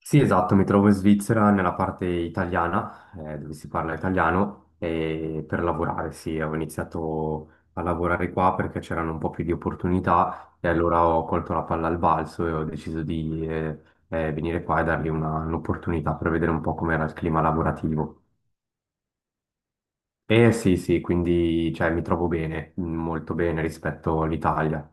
Sì, esatto, mi trovo in Svizzera, nella parte italiana, dove si parla italiano, e per lavorare, sì, ho iniziato a lavorare qua perché c'erano un po' più di opportunità e allora ho colto la palla al balzo e ho deciso di venire qua e dargli un'opportunità per vedere un po' com'era il clima lavorativo. E sì, sì, quindi cioè, mi trovo bene, molto bene rispetto all'Italia.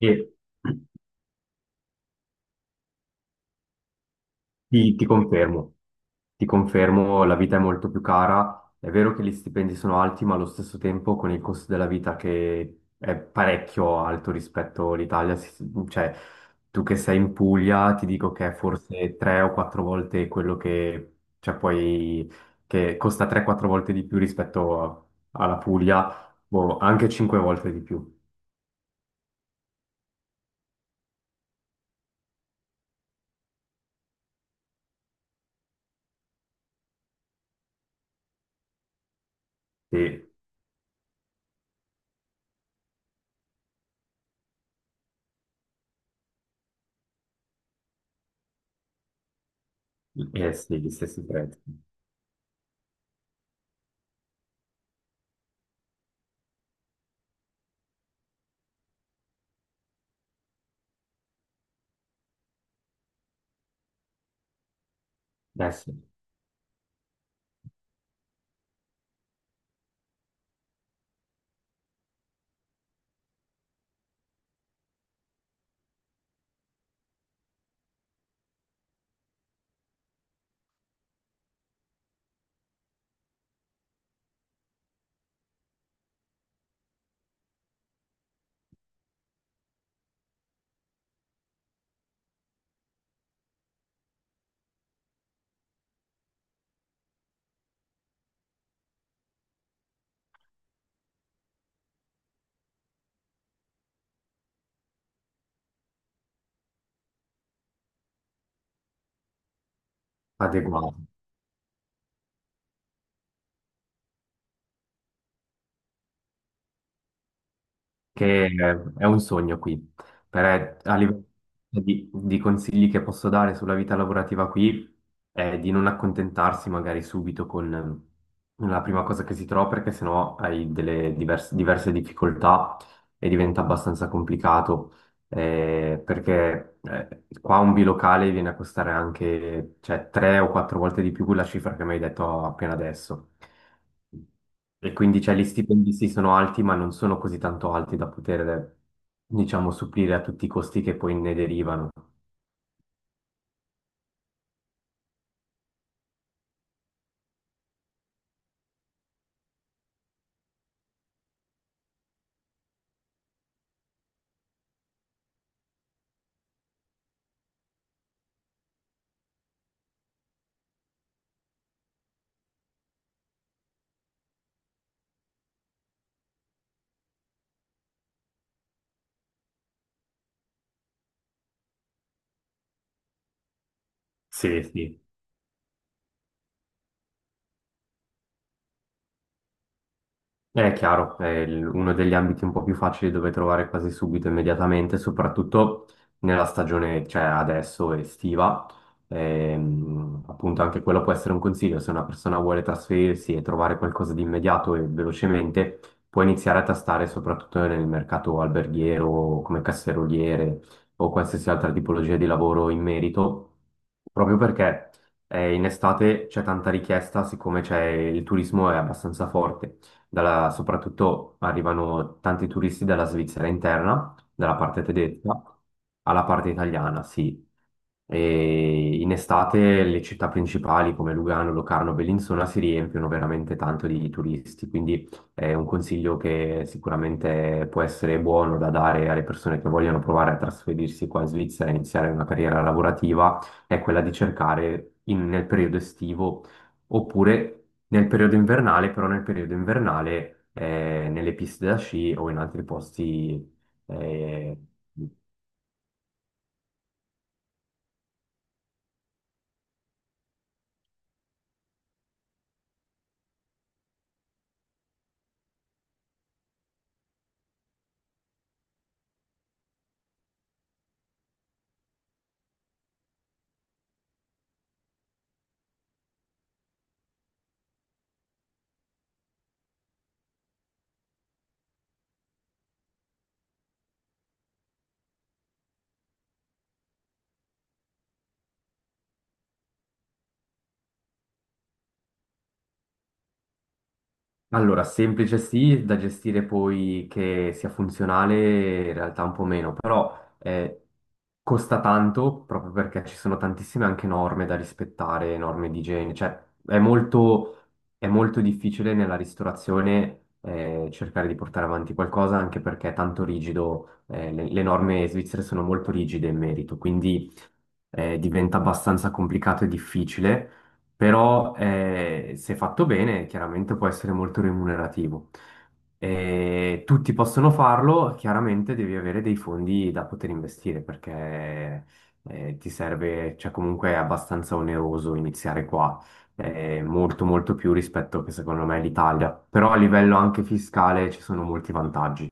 E ti confermo. Ti confermo, la vita è molto più cara. È vero che gli stipendi sono alti, ma allo stesso tempo con il costo della vita che è parecchio alto rispetto all'Italia, cioè tu che sei in Puglia, ti dico che è forse tre o quattro volte quello che, cioè poi, che costa 3-4 volte di più rispetto alla Puglia, boh, anche 5 volte di più. Sì, eh sì, gli stessi prezzi. Eh sì, adeguati. Che È un sogno qui. Per, a livello di consigli che posso dare sulla vita lavorativa qui è di non accontentarsi magari subito con la prima cosa che si trova, perché sennò hai delle diverse difficoltà e diventa abbastanza complicato perché qua un bilocale viene a costare anche, cioè, tre o quattro volte di più la cifra che mi hai detto appena adesso. E quindi cioè, gli stipendi sì sono alti, ma non sono così tanto alti da poter, diciamo, supplire a tutti i costi che poi ne derivano. Sì, sì. È chiaro, è uno degli ambiti un po' più facili dove trovare quasi subito, immediatamente, soprattutto nella stagione, cioè adesso estiva. Appunto, anche quello può essere un consiglio. Se una persona vuole trasferirsi e trovare qualcosa di immediato e velocemente, può iniziare a tastare soprattutto nel mercato alberghiero, come casseroliere o qualsiasi altra tipologia di lavoro in merito, proprio perché in estate c'è tanta richiesta, siccome c'è il turismo è abbastanza forte soprattutto arrivano tanti turisti dalla Svizzera interna, dalla parte tedesca alla parte italiana, sì. E in estate le città principali come Lugano, Locarno, Bellinzona si riempiono veramente tanto di turisti, quindi è un consiglio che sicuramente può essere buono da dare alle persone che vogliono provare a trasferirsi qua in Svizzera e iniziare una carriera lavorativa, è quella di cercare nel periodo estivo oppure nel periodo invernale, però nel periodo invernale nelle piste da sci o in altri posti eh, allora, semplice sì, da gestire poi che sia funzionale, in realtà un po' meno, però eh, costa tanto proprio perché ci sono tantissime anche norme da rispettare, norme di igiene, cioè è molto, è molto difficile nella ristorazione cercare di portare avanti qualcosa anche perché è tanto rigido, le norme svizzere sono molto rigide in merito, quindi diventa abbastanza complicato e difficile però se fatto bene chiaramente può essere molto remunerativo. Tutti possono farlo, chiaramente devi avere dei fondi da poter investire perché ti serve, cioè comunque è abbastanza oneroso iniziare qua, molto molto più rispetto che secondo me l'Italia, però a livello anche fiscale ci sono molti vantaggi.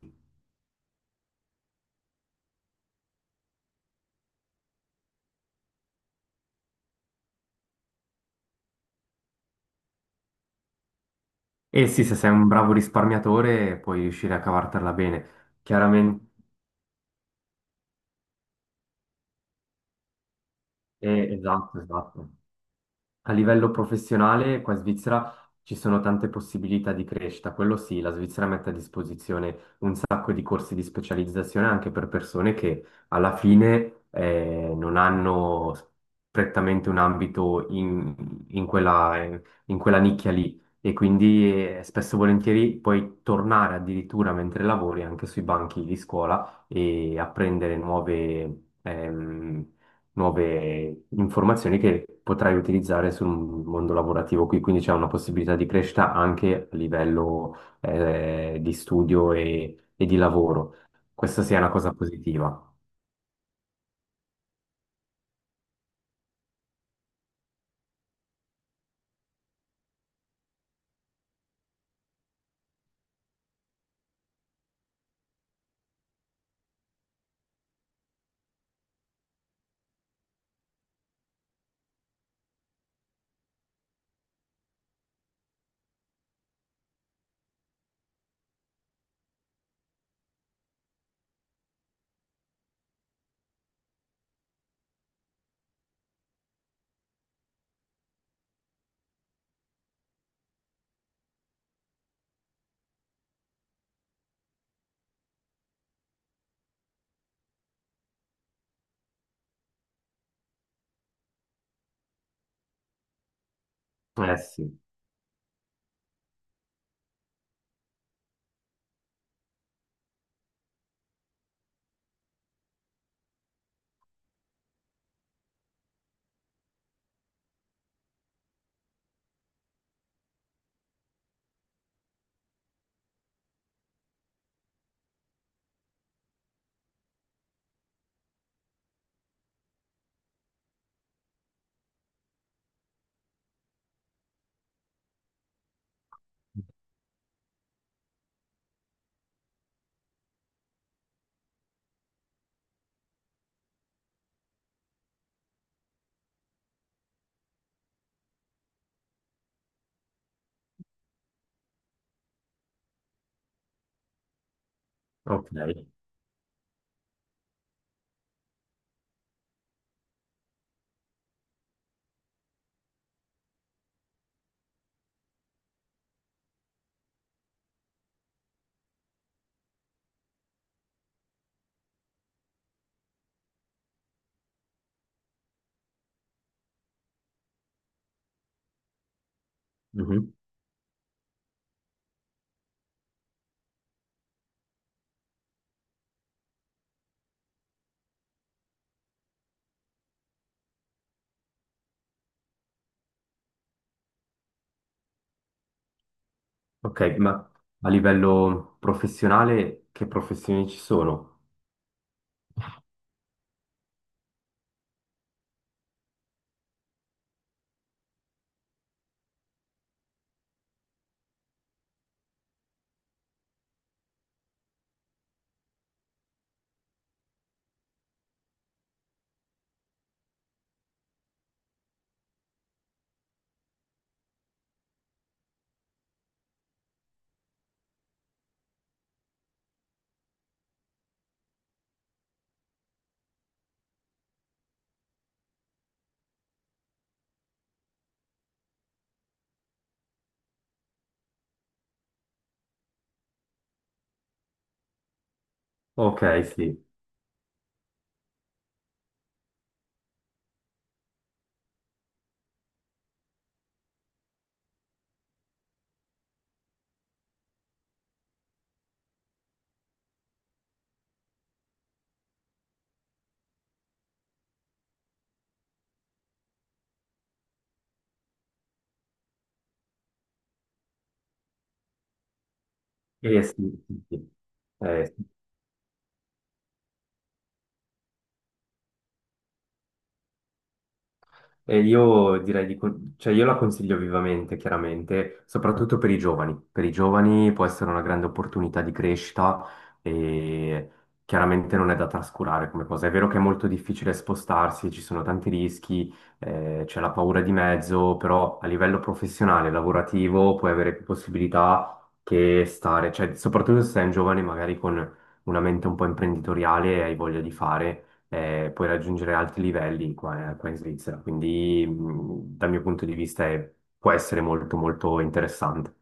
E sì, se sei un bravo risparmiatore puoi riuscire a cavartela bene, chiaramente. Esatto, esatto. A livello professionale, qua in Svizzera ci sono tante possibilità di crescita, quello sì, la Svizzera mette a disposizione un sacco di corsi di specializzazione anche per persone che alla fine non hanno prettamente un ambito in quella, in quella nicchia lì e quindi spesso e volentieri puoi tornare addirittura mentre lavori anche sui banchi di scuola e apprendere nuove... nuove informazioni che potrai utilizzare sul mondo lavorativo qui, quindi c'è una possibilità di crescita anche a livello di studio e di lavoro. Questa sia una cosa positiva. Eh sì, ok. Mhm. Ok, ma a livello professionale che professioni ci sono? Ok, sì. Eh sì, sì, sì. Sì. E io direi di, cioè io la consiglio vivamente, chiaramente, soprattutto per i giovani. Per i giovani può essere una grande opportunità di crescita e chiaramente non è da trascurare come cosa. È vero che è molto difficile spostarsi, ci sono tanti rischi, c'è la paura di mezzo, però a livello professionale, lavorativo, puoi avere più possibilità che stare, cioè soprattutto se sei un giovane magari con una mente un po' imprenditoriale e hai voglia di fare puoi raggiungere alti livelli qua, qua in Svizzera. Quindi, dal mio punto di vista, può essere molto, molto interessante.